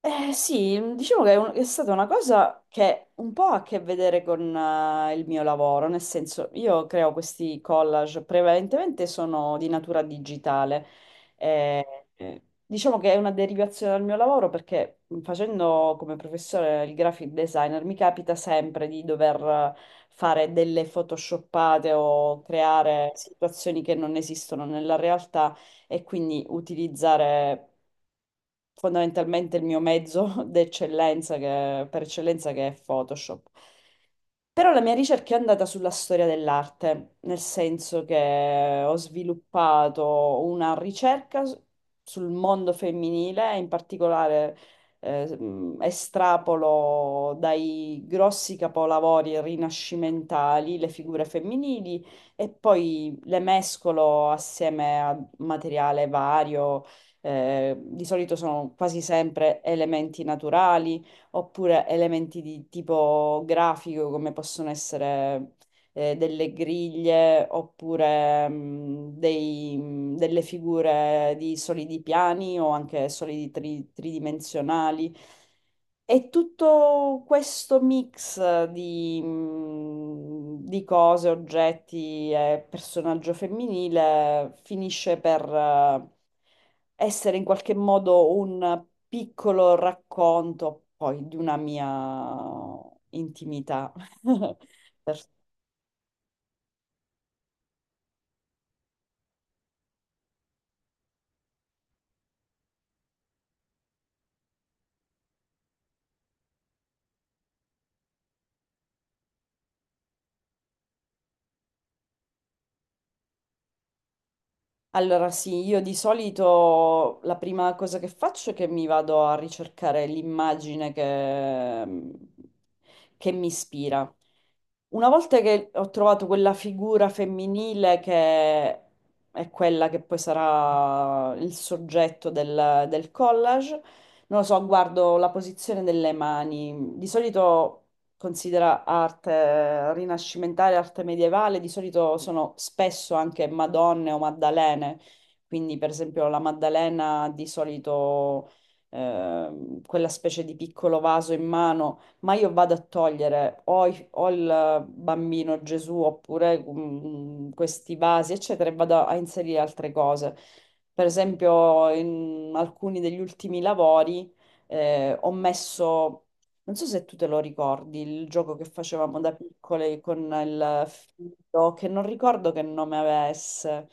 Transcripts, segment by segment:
Sì, diciamo che è, è stata una cosa che un po' ha a che vedere con il mio lavoro, nel senso io creo questi collage, prevalentemente sono di natura digitale. Diciamo che è una derivazione dal mio lavoro perché facendo come professore il graphic designer mi capita sempre di dover fare delle photoshoppate o creare situazioni che non esistono nella realtà e quindi utilizzare fondamentalmente il mio mezzo per eccellenza che è Photoshop. Però la mia ricerca è andata sulla storia dell'arte, nel senso che ho sviluppato una ricerca sul mondo femminile, in particolare estrapolo dai grossi capolavori rinascimentali le figure femminili e poi le mescolo assieme a materiale vario, di solito sono quasi sempre elementi naturali oppure elementi di tipo grafico come possono essere delle griglie oppure delle figure di solidi piani o anche tridimensionali. È tutto questo mix di cose, oggetti e personaggio femminile finisce per essere in qualche modo un piccolo racconto poi di una mia intimità. Allora sì, io di solito la prima cosa che faccio è che mi vado a ricercare l'immagine che che mi ispira. Una volta che ho trovato quella figura femminile che è quella che poi sarà il soggetto del collage, non lo so, guardo la posizione delle mani. Di solito considera arte rinascimentale, arte medievale, di solito sono spesso anche Madonne o Maddalene, quindi per esempio la Maddalena di solito quella specie di piccolo vaso in mano, ma io vado a togliere o il bambino Gesù oppure questi vasi, eccetera, e vado a inserire altre cose. Per esempio in alcuni degli ultimi lavori ho messo, non so se tu te lo ricordi, il gioco che facevamo da piccole con il filo, che non ricordo che nome avesse.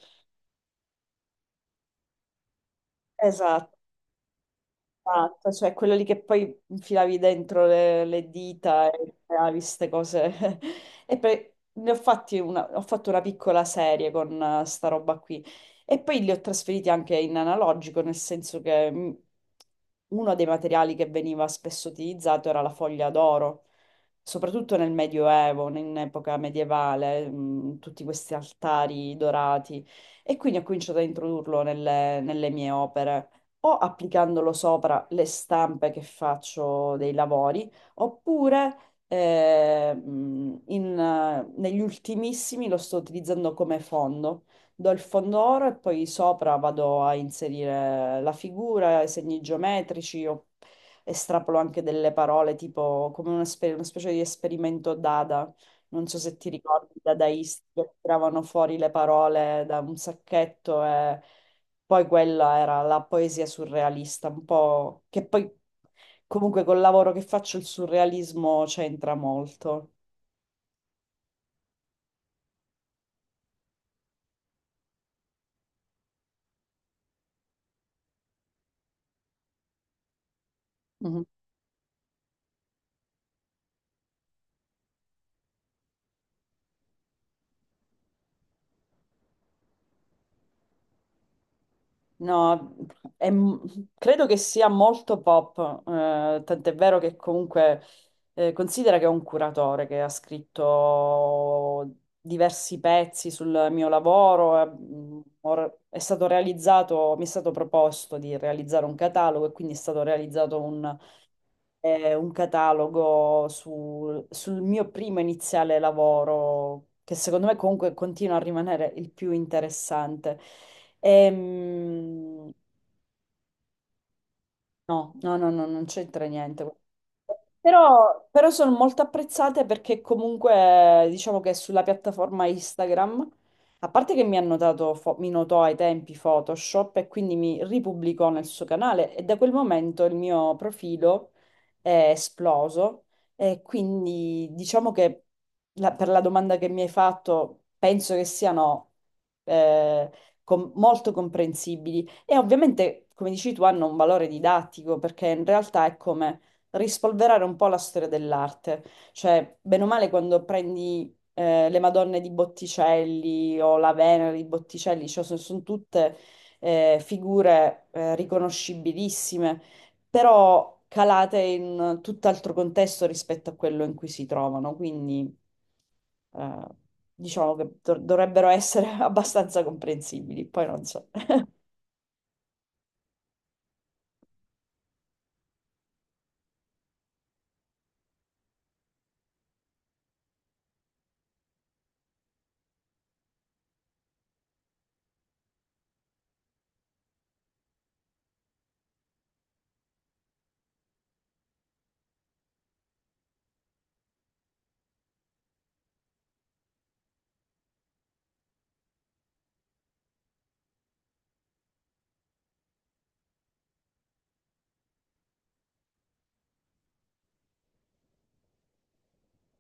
Esatto. Esatto, cioè quello lì che poi infilavi dentro le dita e creavi queste cose. E poi ne ho fatti una, ho fatto una piccola serie con sta roba qui. E poi li ho trasferiti anche in analogico, nel senso che uno dei materiali che veniva spesso utilizzato era la foglia d'oro, soprattutto nel Medioevo, in epoca medievale, tutti questi altari dorati. E quindi ho cominciato a introdurlo nelle mie opere o applicandolo sopra le stampe che faccio dei lavori, oppure negli ultimissimi lo sto utilizzando come fondo. Do il fondo oro e poi sopra vado a inserire la figura, i segni geometrici, o estrapolo anche delle parole, tipo come una specie di esperimento Dada. Non so se ti ricordi, i dadaisti che tiravano fuori le parole da un sacchetto e poi quella era la poesia surrealista, un po' che poi comunque col lavoro che faccio il surrealismo c'entra molto. Mhm. No, è m- credo che sia molto pop, tant'è vero che comunque considera che è un curatore che ha scritto diversi pezzi sul mio lavoro, è stato realizzato, mi è stato proposto di realizzare un catalogo e quindi è stato realizzato un catalogo sul mio primo iniziale lavoro, che secondo me comunque continua a rimanere il più interessante. Ehm, no, no, no, no, non c'entra niente. Però sono molto apprezzate perché comunque diciamo che sulla piattaforma Instagram, a parte che mi hanno mi notò ai tempi Photoshop e quindi mi ripubblicò nel suo canale e da quel momento il mio profilo è esploso e quindi diciamo che per la domanda che mi hai fatto penso che siano eh, molto comprensibili e ovviamente come dici tu hanno un valore didattico perché in realtà è come rispolverare un po' la storia dell'arte. Cioè, bene o male, quando prendi le Madonne di Botticelli o la Venere di Botticelli, cioè, sono, tutte figure riconoscibilissime, però calate in tutt'altro contesto rispetto a quello in cui si trovano. Quindi, eh, diciamo che dovrebbero essere abbastanza comprensibili. Poi non so.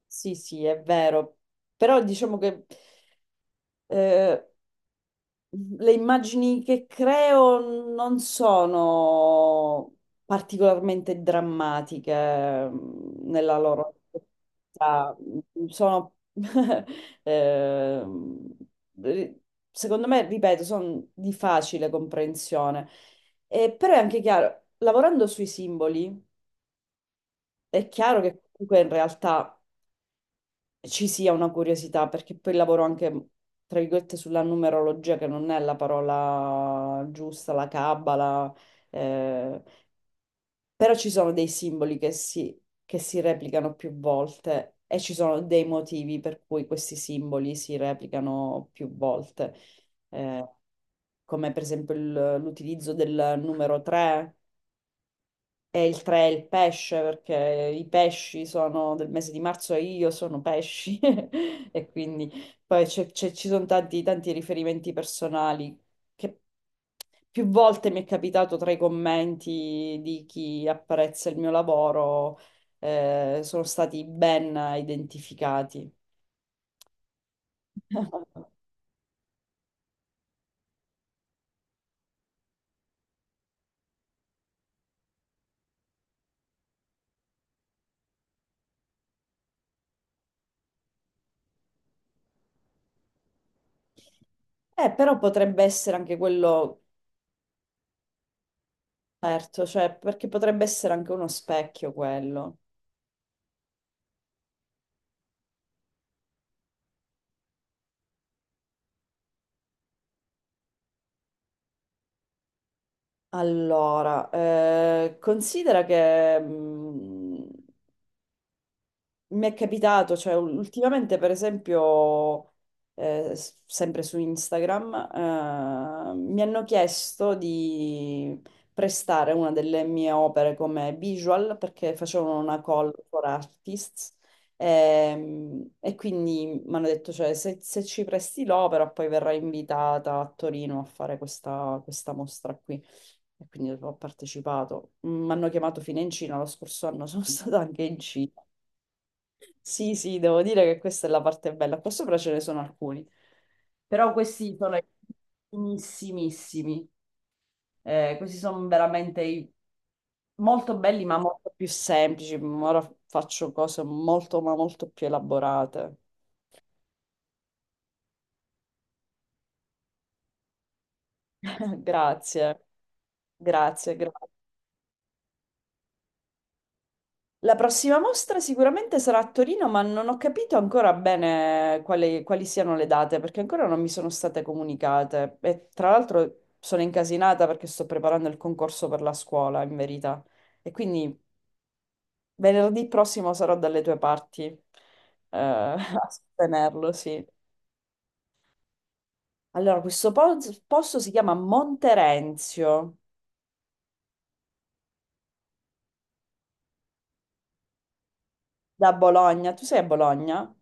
Sì, sì, è vero. Però diciamo che eh, le immagini che creo non sono particolarmente drammatiche nella loro effettività. Sono ehm, ri- secondo me, ripeto, sono di facile comprensione. Però è anche chiaro, lavorando sui simboli, è chiaro che comunque in realtà ci sia una curiosità, perché poi lavoro anche, tra virgolette, sulla numerologia, che non è la parola giusta, la cabala, eh, però ci sono dei che si replicano più volte e ci sono dei motivi per cui questi simboli si replicano più volte, eh, come per esempio l'utilizzo del numero 3 e il 3 è il pesce, perché i pesci sono del mese di marzo e io sono pesci, e quindi poi ci sono tanti, tanti riferimenti personali che più volte mi è capitato tra i commenti di chi apprezza il mio lavoro, sono stati ben identificati. Però potrebbe essere anche quello, certo, cioè, perché potrebbe essere anche uno specchio quello. Allora, considera che mi è capitato, cioè ultimamente per esempio, sempre su Instagram, mi hanno chiesto di prestare una delle mie opere come visual perché facevano una call for artists quindi mi hanno detto, cioè, se ci presti l'opera poi verrai invitata a Torino a fare questa mostra qui. E quindi ho partecipato. Mi hanno chiamato fino in Cina, lo scorso anno sono stata anche in Cina. Sì, sì, devo dire che questa è la parte bella. Qua sopra ce ne sono alcuni. Però questi sono i finissimissimi. Questi sono veramente molto belli, ma molto più semplici. Ma ora faccio cose molto, ma molto più elaborate. Grazie, grazie. La prossima mostra sicuramente sarà a Torino, ma non ho capito ancora bene quali siano le date, perché ancora non mi sono state comunicate. E tra l'altro sono incasinata perché sto preparando il concorso per la scuola, in verità. E quindi venerdì prossimo sarò dalle tue parti, a sostenerlo, sì. Allora, questo posto si chiama Monterenzio, da Bologna. Tu sei a Bologna?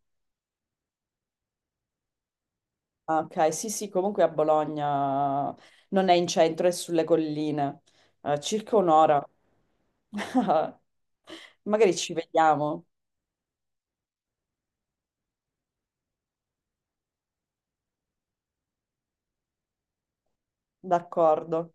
Ah, ok, sì, sì, comunque a Bologna non è in centro, è sulle colline. Circa un'ora. Magari ci vediamo, d'accordo.